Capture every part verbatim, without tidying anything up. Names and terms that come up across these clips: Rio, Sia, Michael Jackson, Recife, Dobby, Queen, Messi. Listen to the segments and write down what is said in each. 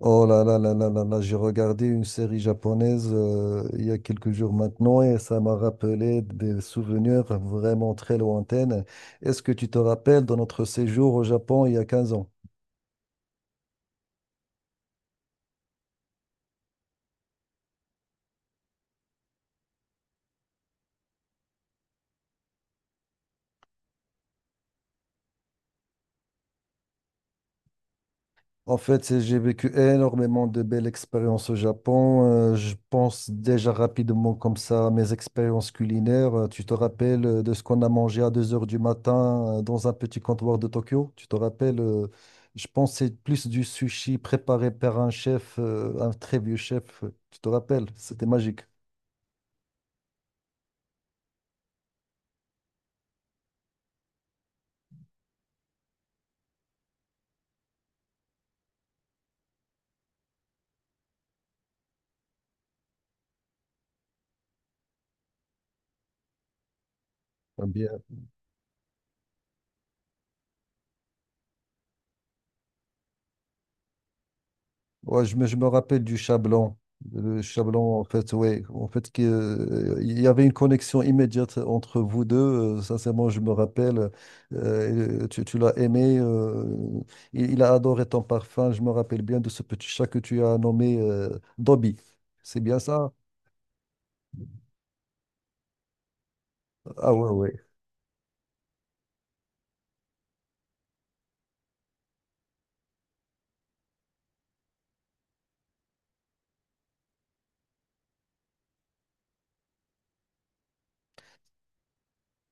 Oh là là là là là là, j'ai regardé une série japonaise euh, il y a quelques jours maintenant et ça m'a rappelé des souvenirs vraiment très lointains. Est-ce que tu te rappelles de notre séjour au Japon il y a quinze ans? En fait, c'est- j'ai vécu énormément de belles expériences au Japon. Euh, je pense déjà rapidement comme ça à mes expériences culinaires. Euh, Tu te rappelles euh, de ce qu'on a mangé à deux heures du matin euh, dans un petit comptoir de Tokyo? Tu te rappelles, euh, je pense que c'est plus du sushi préparé par un chef, euh, un très vieux chef. euh, Tu te rappelles? C'était magique. Ouais, je me, je me rappelle du chat blanc. Le chat blanc, en fait, ouais. En fait, que, euh, il y avait une connexion immédiate entre vous deux. Euh, sincèrement, je me rappelle. euh, tu tu l'as aimé. euh, il, il a adoré ton parfum. Je me rappelle bien de ce petit chat que tu as nommé euh, Dobby. C'est bien ça? Ah ouais, ouais.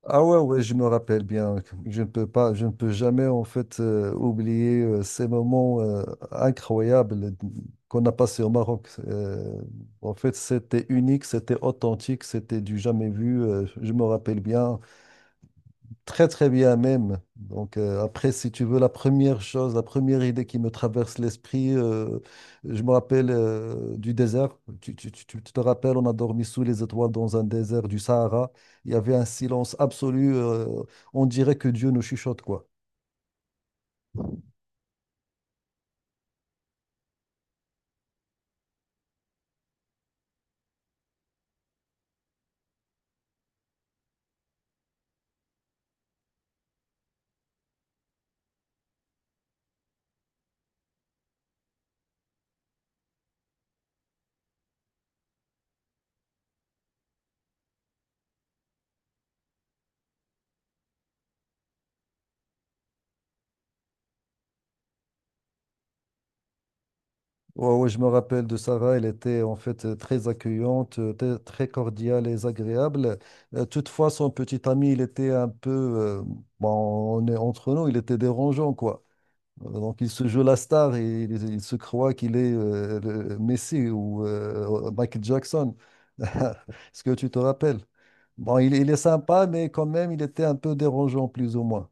Ah ouais, ouais, je me rappelle bien. Je ne peux pas, je ne peux jamais en fait euh, oublier euh, ces moments euh, incroyables qu'on a passés au Maroc. Euh, en fait, c'était unique, c'était authentique, c'était du jamais vu. Euh, je me rappelle bien. Très, très bien même. Donc, euh, après, si tu veux, la première chose, la première idée qui me traverse l'esprit, euh, je me rappelle euh, du désert. Tu, tu- tu- tu te rappelles, on a dormi sous les étoiles dans un désert du Sahara. Il y avait un silence absolu. Euh, on dirait que Dieu nous chuchote, quoi. Ouais, ouais, je me rappelle de Sarah. Elle était en fait euh, très accueillante, euh, très très cordiale et agréable. Euh, toutefois, son petit ami, il était un peu, euh, bon, on est entre nous, il était dérangeant, quoi. Euh, Donc, il se joue la star et il, il se croit qu'il est euh, le Messi ou euh, Michael Jackson. Est-ce que tu te rappelles? Bon, il, il est sympa, mais quand même, il était un peu dérangeant, plus ou moins.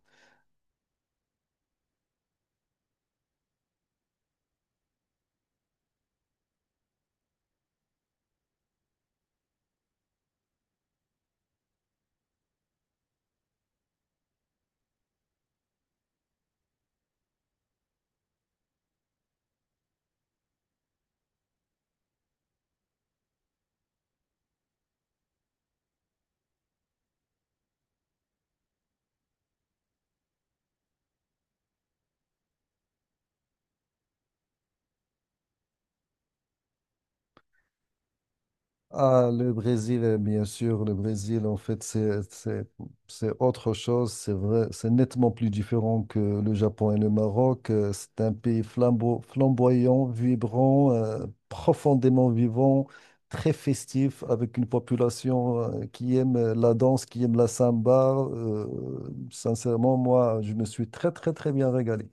Ah, le Brésil, euh, bien sûr, le Brésil, en fait, c'est, c'est, c'est autre chose, c'est vrai, c'est nettement plus différent que le Japon et le Maroc. Euh, C'est un pays flambo- flamboyant, vibrant, euh, profondément vivant, très festif, avec une population euh, qui aime euh, la danse, qui aime la samba. Euh, sincèrement, moi, je me suis très, très, très bien régalé.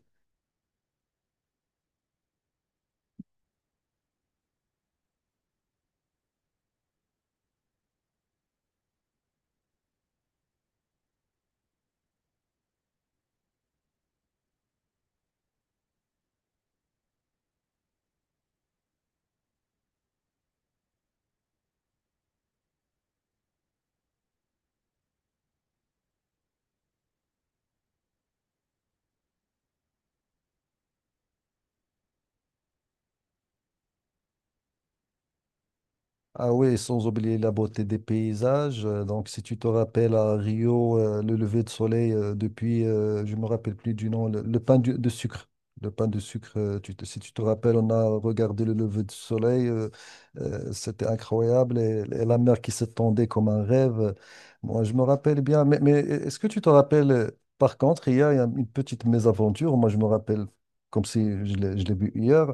Ah oui, sans oublier la beauté des paysages. Euh, Donc, si tu te rappelles à Rio, euh, le lever de soleil euh, depuis, euh, je me rappelle plus du nom, le, le pain du- de sucre. Le pain de sucre, euh, tu te- si tu te rappelles, on a regardé le lever de soleil. Euh, euh, c'était incroyable. Et, et la mer qui s'étendait comme un rêve. Moi, je me rappelle bien. Mais, mais est-ce que tu te rappelles, euh, par contre, hier, il y a une petite mésaventure. Moi, je me rappelle comme si je l'ai je l'ai vu hier.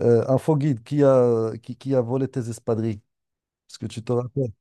Euh, un faux guide qui a, qui, qui a volé tes espadrilles. Est-ce que tu te rappelles?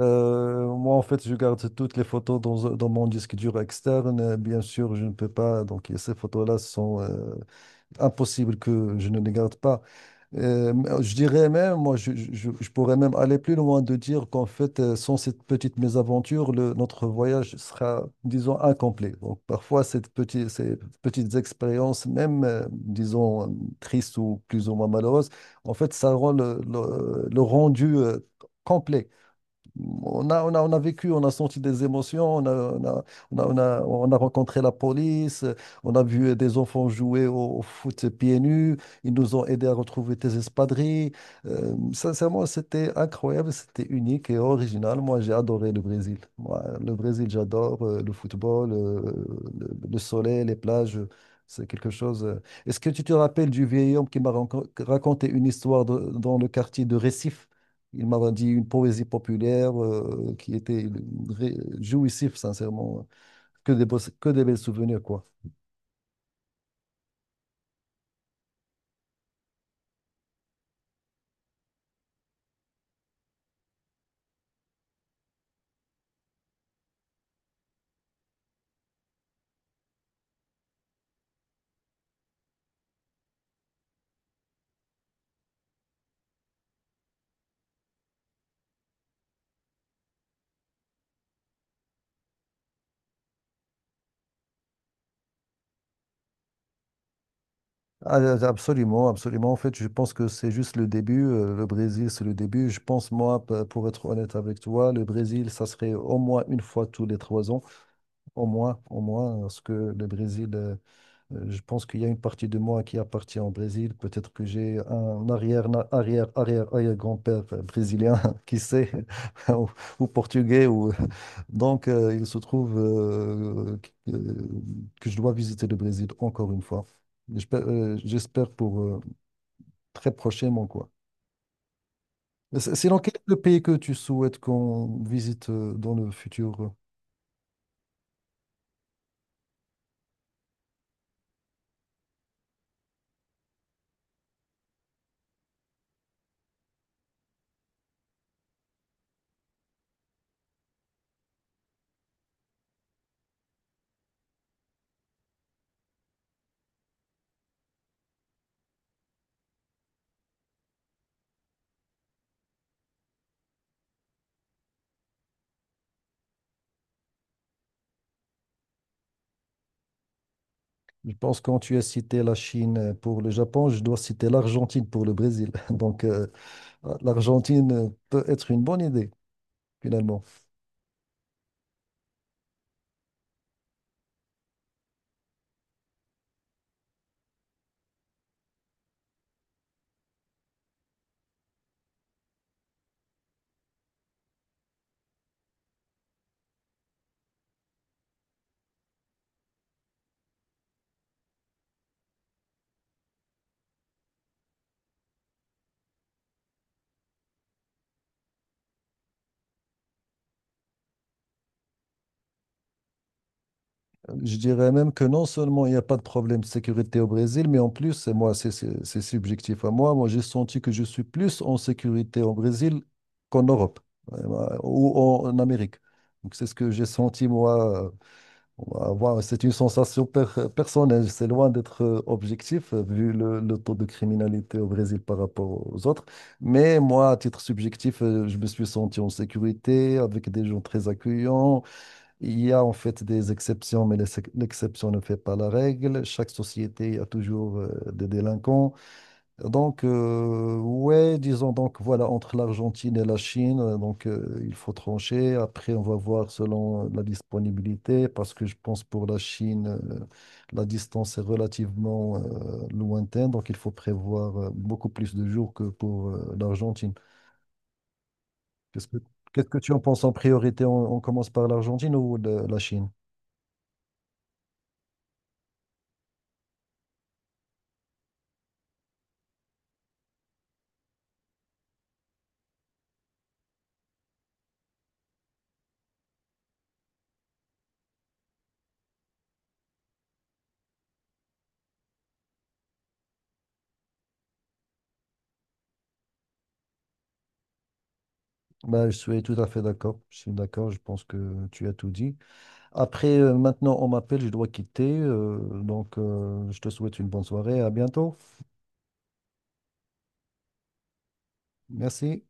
Euh, moi, en fait, je garde toutes les photos dans, dans mon disque dur externe. Euh, Bien sûr, je ne peux pas. Donc, ces photos-là sont, euh, impossible que je ne les garde pas. Euh, je dirais même, moi, je, je- je pourrais même aller plus loin de dire qu'en fait, euh, sans cette petite mésaventure, le- notre voyage sera, disons, incomplet. Donc, parfois, cette petite, ces petites expériences, même, euh, disons, euh, tristes ou plus ou moins malheureuses, en fait, ça rend le, le- le rendu, euh, complet. On a, on a, on a vécu, on a senti des émotions, on a, on a, on a, on a, on a rencontré la police, euh, on a vu des enfants jouer au, au foot pieds nus, ils nous ont aidés à retrouver des espadrilles. Euh, sincèrement, c'était incroyable, c'était unique et original. Moi, j'ai adoré le Brésil. Moi, le Brésil, j'adore euh, le football, euh, le, le soleil, les plages. C'est quelque chose. euh. Est-ce que tu te rappelles du vieil homme qui m'a rancon- raconté une histoire de- dans le quartier de Recife? Il m'a dit une poésie populaire euh, qui était ré- jouissif, sincèrement. Que des, beaux- que des belles souvenirs, quoi. Ah, ah, Absolument, absolument. En fait, je pense que c'est juste le début. euh, Le Brésil, c'est le début. Je pense, moi, p- pour être honnête avec toi, le Brésil, ça serait au moins une fois tous les trois ans. Au moins, au moins, parce que le Brésil, euh, Euh, Je pense qu'il y a une partie de moi qui appartient au Brésil. Peut-être que j'ai un arrière, na- arrière, arrière, arrière grand-père euh, brésilien, qui sait, ou, ou portugais. Ou... euh, Donc, euh, il se trouve euh, que, que je dois visiter le Brésil encore une fois. J'espère, euh, j'espère pour euh, très prochainement, quoi. C'est c'est dans quel est le pays que tu souhaites qu'on visite euh, dans le futur? euh Je pense que quand tu as cité la Chine pour le Japon, je dois citer l'Argentine pour le Brésil. Donc, euh, L'Argentine peut être une bonne idée, finalement. Je dirais même que non seulement il n'y a pas de problème de sécurité au Brésil, mais en plus, et moi, c'est c'est- c'est subjectif à moi, moi j'ai senti que je suis plus en sécurité au Brésil qu'en Europe euh, ou en, en Amérique. Donc c'est ce que j'ai senti moi Wa- wa- c'est une sensation per- personnelle, c'est loin d'être euh, objectif euh, vu le, le taux de criminalité au Brésil par rapport aux autres. Mais moi, à titre subjectif, euh, je me suis senti en sécurité avec des gens très accueillants. Il y a en fait des exceptions, mais les ex- l'exception ne fait pas la règle. Chaque société a toujours euh, des délinquants. Donc, euh, ouais, disons donc, voilà, entre l'Argentine et la Chine, euh, donc euh, il faut trancher. Après, on va voir selon euh, la disponibilité, parce que je pense pour la Chine, euh, la distance est relativement euh, lointaine, donc il faut prévoir euh, beaucoup plus de jours que pour euh, l'Argentine. Qu'est-ce que, qu'est-ce que tu en penses en priorité? On, on commence par l'Argentine ou le- la Chine? Bah, je suis tout à fait d'accord. Je suis d'accord, je pense que tu as tout dit. Après, euh, maintenant, on m'appelle, je dois quitter. euh, donc, euh, je te souhaite une bonne soirée. À bientôt. Merci.